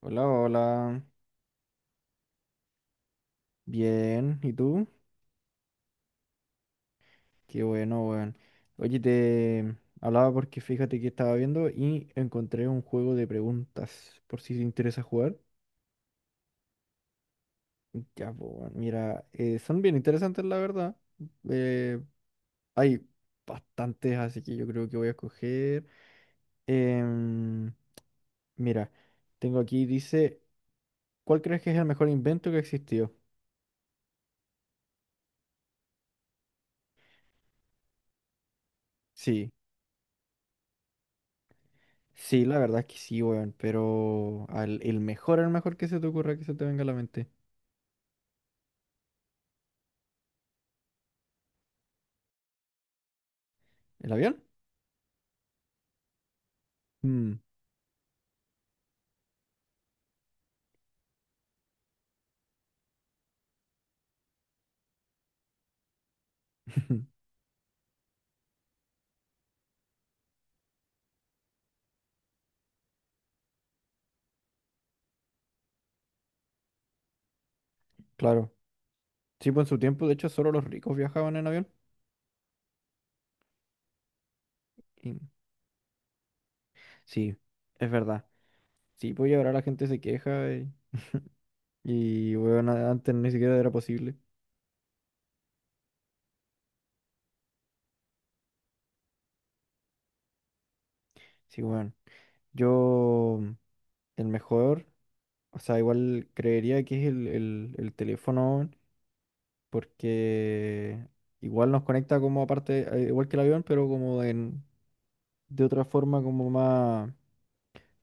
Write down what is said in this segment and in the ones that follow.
Hola, hola. Bien, ¿y tú? Qué bueno, weón. Oye, te hablaba porque fíjate que estaba viendo y encontré un juego de preguntas, por si te interesa jugar. Ya, pues, weón, mira, son bien interesantes, la verdad. Eh, Hay bastantes, así que yo creo que voy a escoger. em, Mira, tengo aquí, dice, ¿cuál crees que es el mejor invento que existió? Sí. Sí, la verdad es que sí, weón, pero el mejor que se te ocurra que se te venga a la mente. ¿El avión? Mm. Claro. Sí, pues en su tiempo, de hecho, solo los ricos viajaban en avión. Y- Sí, es verdad. Sí, pues y ahora la gente se queja y, weón, antes ni siquiera era posible. Sí, weón. Yo, el mejor, o sea, igual creería que es el teléfono, weón, porque igual nos conecta como aparte, igual que el avión, pero como en de otra forma como más,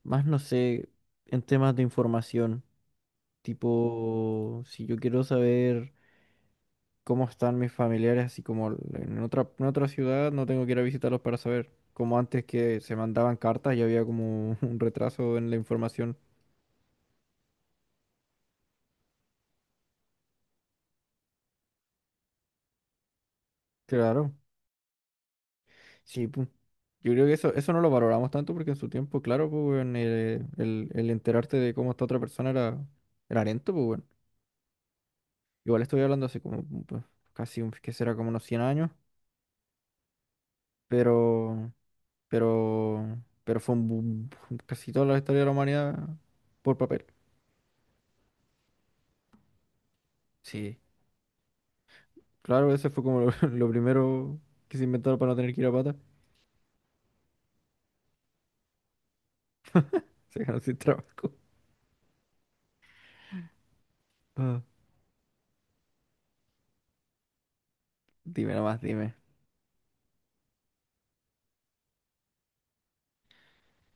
más no sé, en temas de información. Tipo, si yo quiero saber cómo están mis familiares, así como en otra ciudad, no tengo que ir a visitarlos para saber. Como antes que se mandaban cartas y había como un retraso en la información. Claro, sí, pu. Yo creo que eso no lo valoramos tanto porque en su tiempo, claro, pues, weón, el enterarte de cómo está otra persona era lento, pues, weón. Igual estoy hablando hace como pues, casi, que será como unos 100 años. Pero, pero fue un boom, casi toda la historia de la humanidad por papel. Sí, claro, ese fue como lo, lo primero que se inventaron para no tener que ir a pata. Se quedaron sin trabajo. Ah. Dime nomás, dime.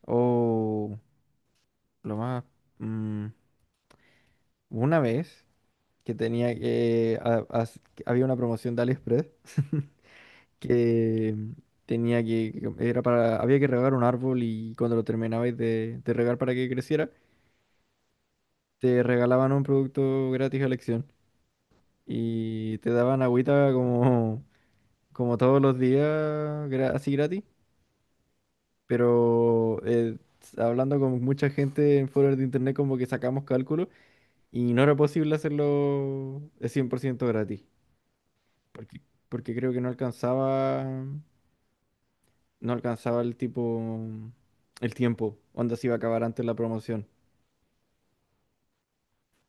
O lo más, mm, una vez que tenía que... a- as- que había una promoción de AliExpress. que tenía que... Era para, Había que regar un árbol y cuando lo terminabais de regar para que creciera, te regalaban un producto gratis a elección y te daban agüita como todos los días, así gratis, pero hablando con mucha gente en foros de internet como que sacamos cálculos y no era posible hacerlo de 100% gratis, porque, porque creo que no alcanzaba el tipo, el tiempo, onda se iba a acabar antes la promoción.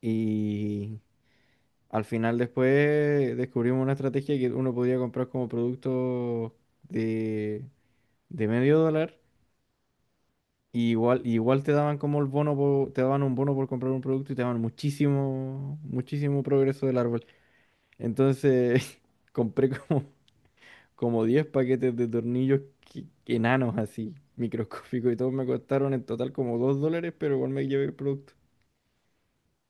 Y al final después descubrimos una estrategia, que uno podía comprar como producto de, de medio dólar, y igual te daban como el bono, te daban un bono por comprar un producto y te daban muchísimo, muchísimo progreso del árbol. Entonces compré como, 10 paquetes de tornillos, enanos así, microscópicos, y todos me costaron en total como $2, pero igual me llevé el producto.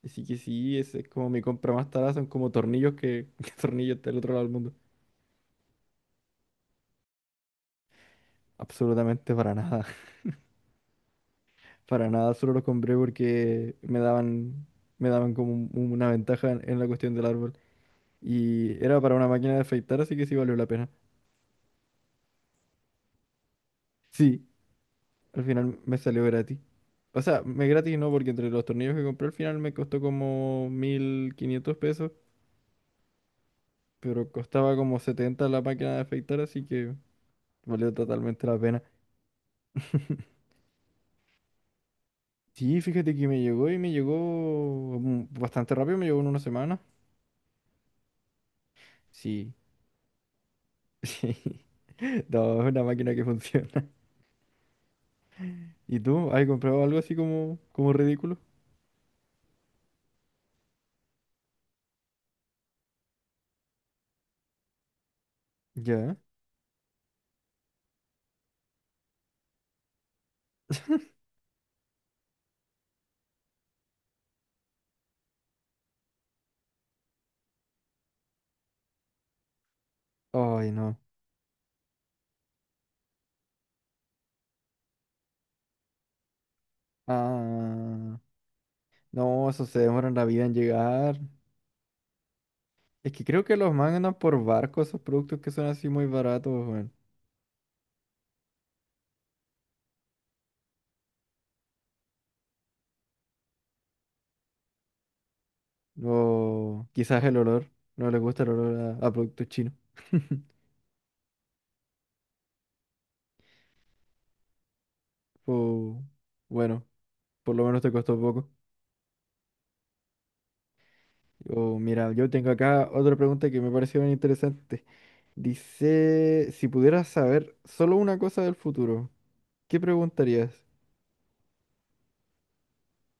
Así que sí, esa es como mi compra más tarada, son como tornillos que, que tornillos del otro lado del mundo. Absolutamente para nada. Para nada, solo lo compré porque me daban como una ventaja en la cuestión del árbol. Y era para una máquina de afeitar, así que sí valió la pena. Sí, al final me salió gratis. O sea, me gratis no, porque entre los tornillos que compré al final me costó como 1.500 pesos, pero costaba como 70 la máquina de afeitar, así que valió totalmente la pena. Sí, fíjate que me llegó y me llegó bastante rápido, me llegó en una semana. Sí, sí. No, es una máquina que funciona. ¿Y tú? ¿Has comprado algo así como ridículo? Ya. Ay, no. Ah, no, eso se demoran la vida en llegar. Es que creo que los mandan por barco esos productos que son así muy baratos, weón. O quizás el olor. No les gusta el olor a productos chinos. O bueno, por lo menos te costó poco. O mira, yo tengo acá otra pregunta que me pareció bien interesante. Dice, si pudieras saber solo una cosa del futuro, ¿qué preguntarías?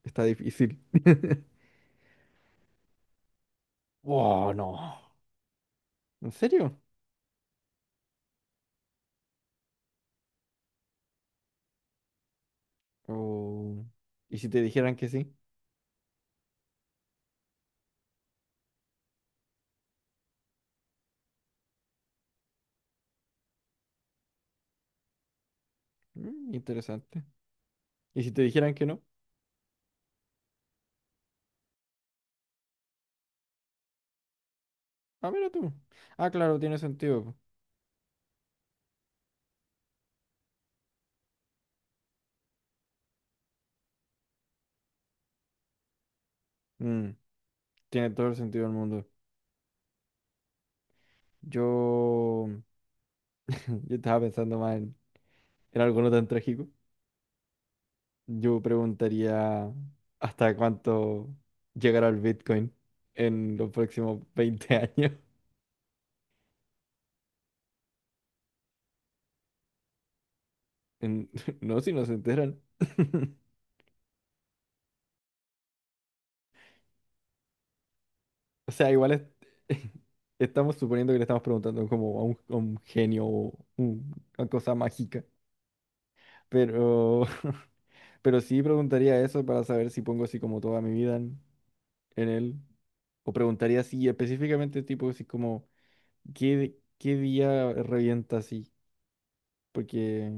Está difícil. Oh, no. ¿En serio? Oh, ¿y si te dijeran que sí? Mm, interesante. ¿Y si te dijeran que no? Ah, mira tú. Ah, claro, tiene sentido, po. Mm, tiene todo el sentido del mundo. Yo. Yo estaba pensando más en algo no tan trágico. Yo preguntaría hasta cuánto llegará el Bitcoin en los próximos 20 años. En- No, si no se enteran. O sea, igual estamos suponiendo que le estamos preguntando como a un, genio o una cosa mágica. Pero, pero sí preguntaría eso para saber si pongo así como toda mi vida en él. O preguntaría si específicamente tipo así como qué día revienta así. Porque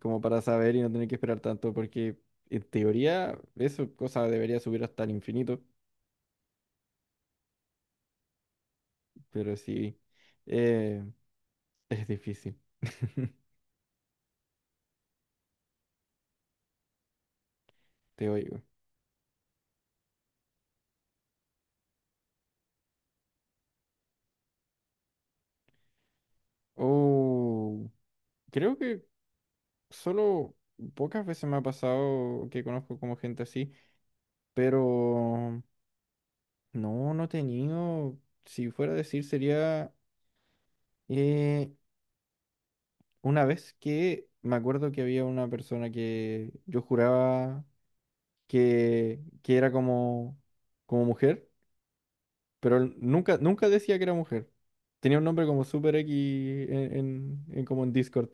como para saber y no tener que esperar tanto. Porque en teoría eso cosa debería subir hasta el infinito. Pero sí, eh, es difícil. Te oigo. Oh, creo que solo pocas veces me ha pasado que conozco como gente así, pero no he tenido, si fuera a decir, sería eh, una vez que me acuerdo que había una persona que yo juraba que era como mujer, pero él nunca, nunca decía que era mujer. Tenía un nombre como Super X como en Discord.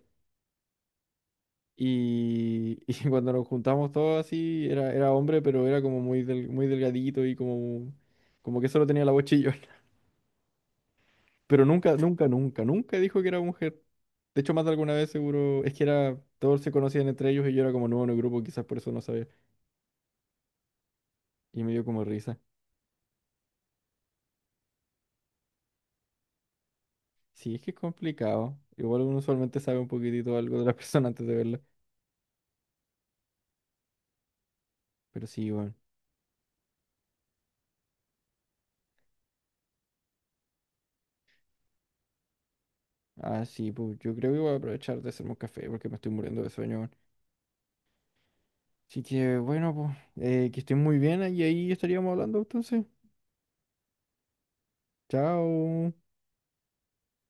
Y cuando nos juntamos todos así, era hombre, pero era como muy delgadito y como que solo tenía la voz chillona. Pero nunca, nunca, nunca, nunca dijo que era mujer. De hecho, más de alguna vez seguro, es que era, todos se conocían entre ellos y yo era como nuevo en el grupo, quizás por eso no sabía. Y me dio como risa. Sí, es que es complicado. Igual uno usualmente sabe un poquitito algo de la persona antes de verla. Pero sí, bueno. Ah, sí, pues yo creo que voy a aprovechar de hacerme un café porque me estoy muriendo de sueño, así que bueno, pues, que estén muy bien y ahí estaríamos hablando entonces. Chao.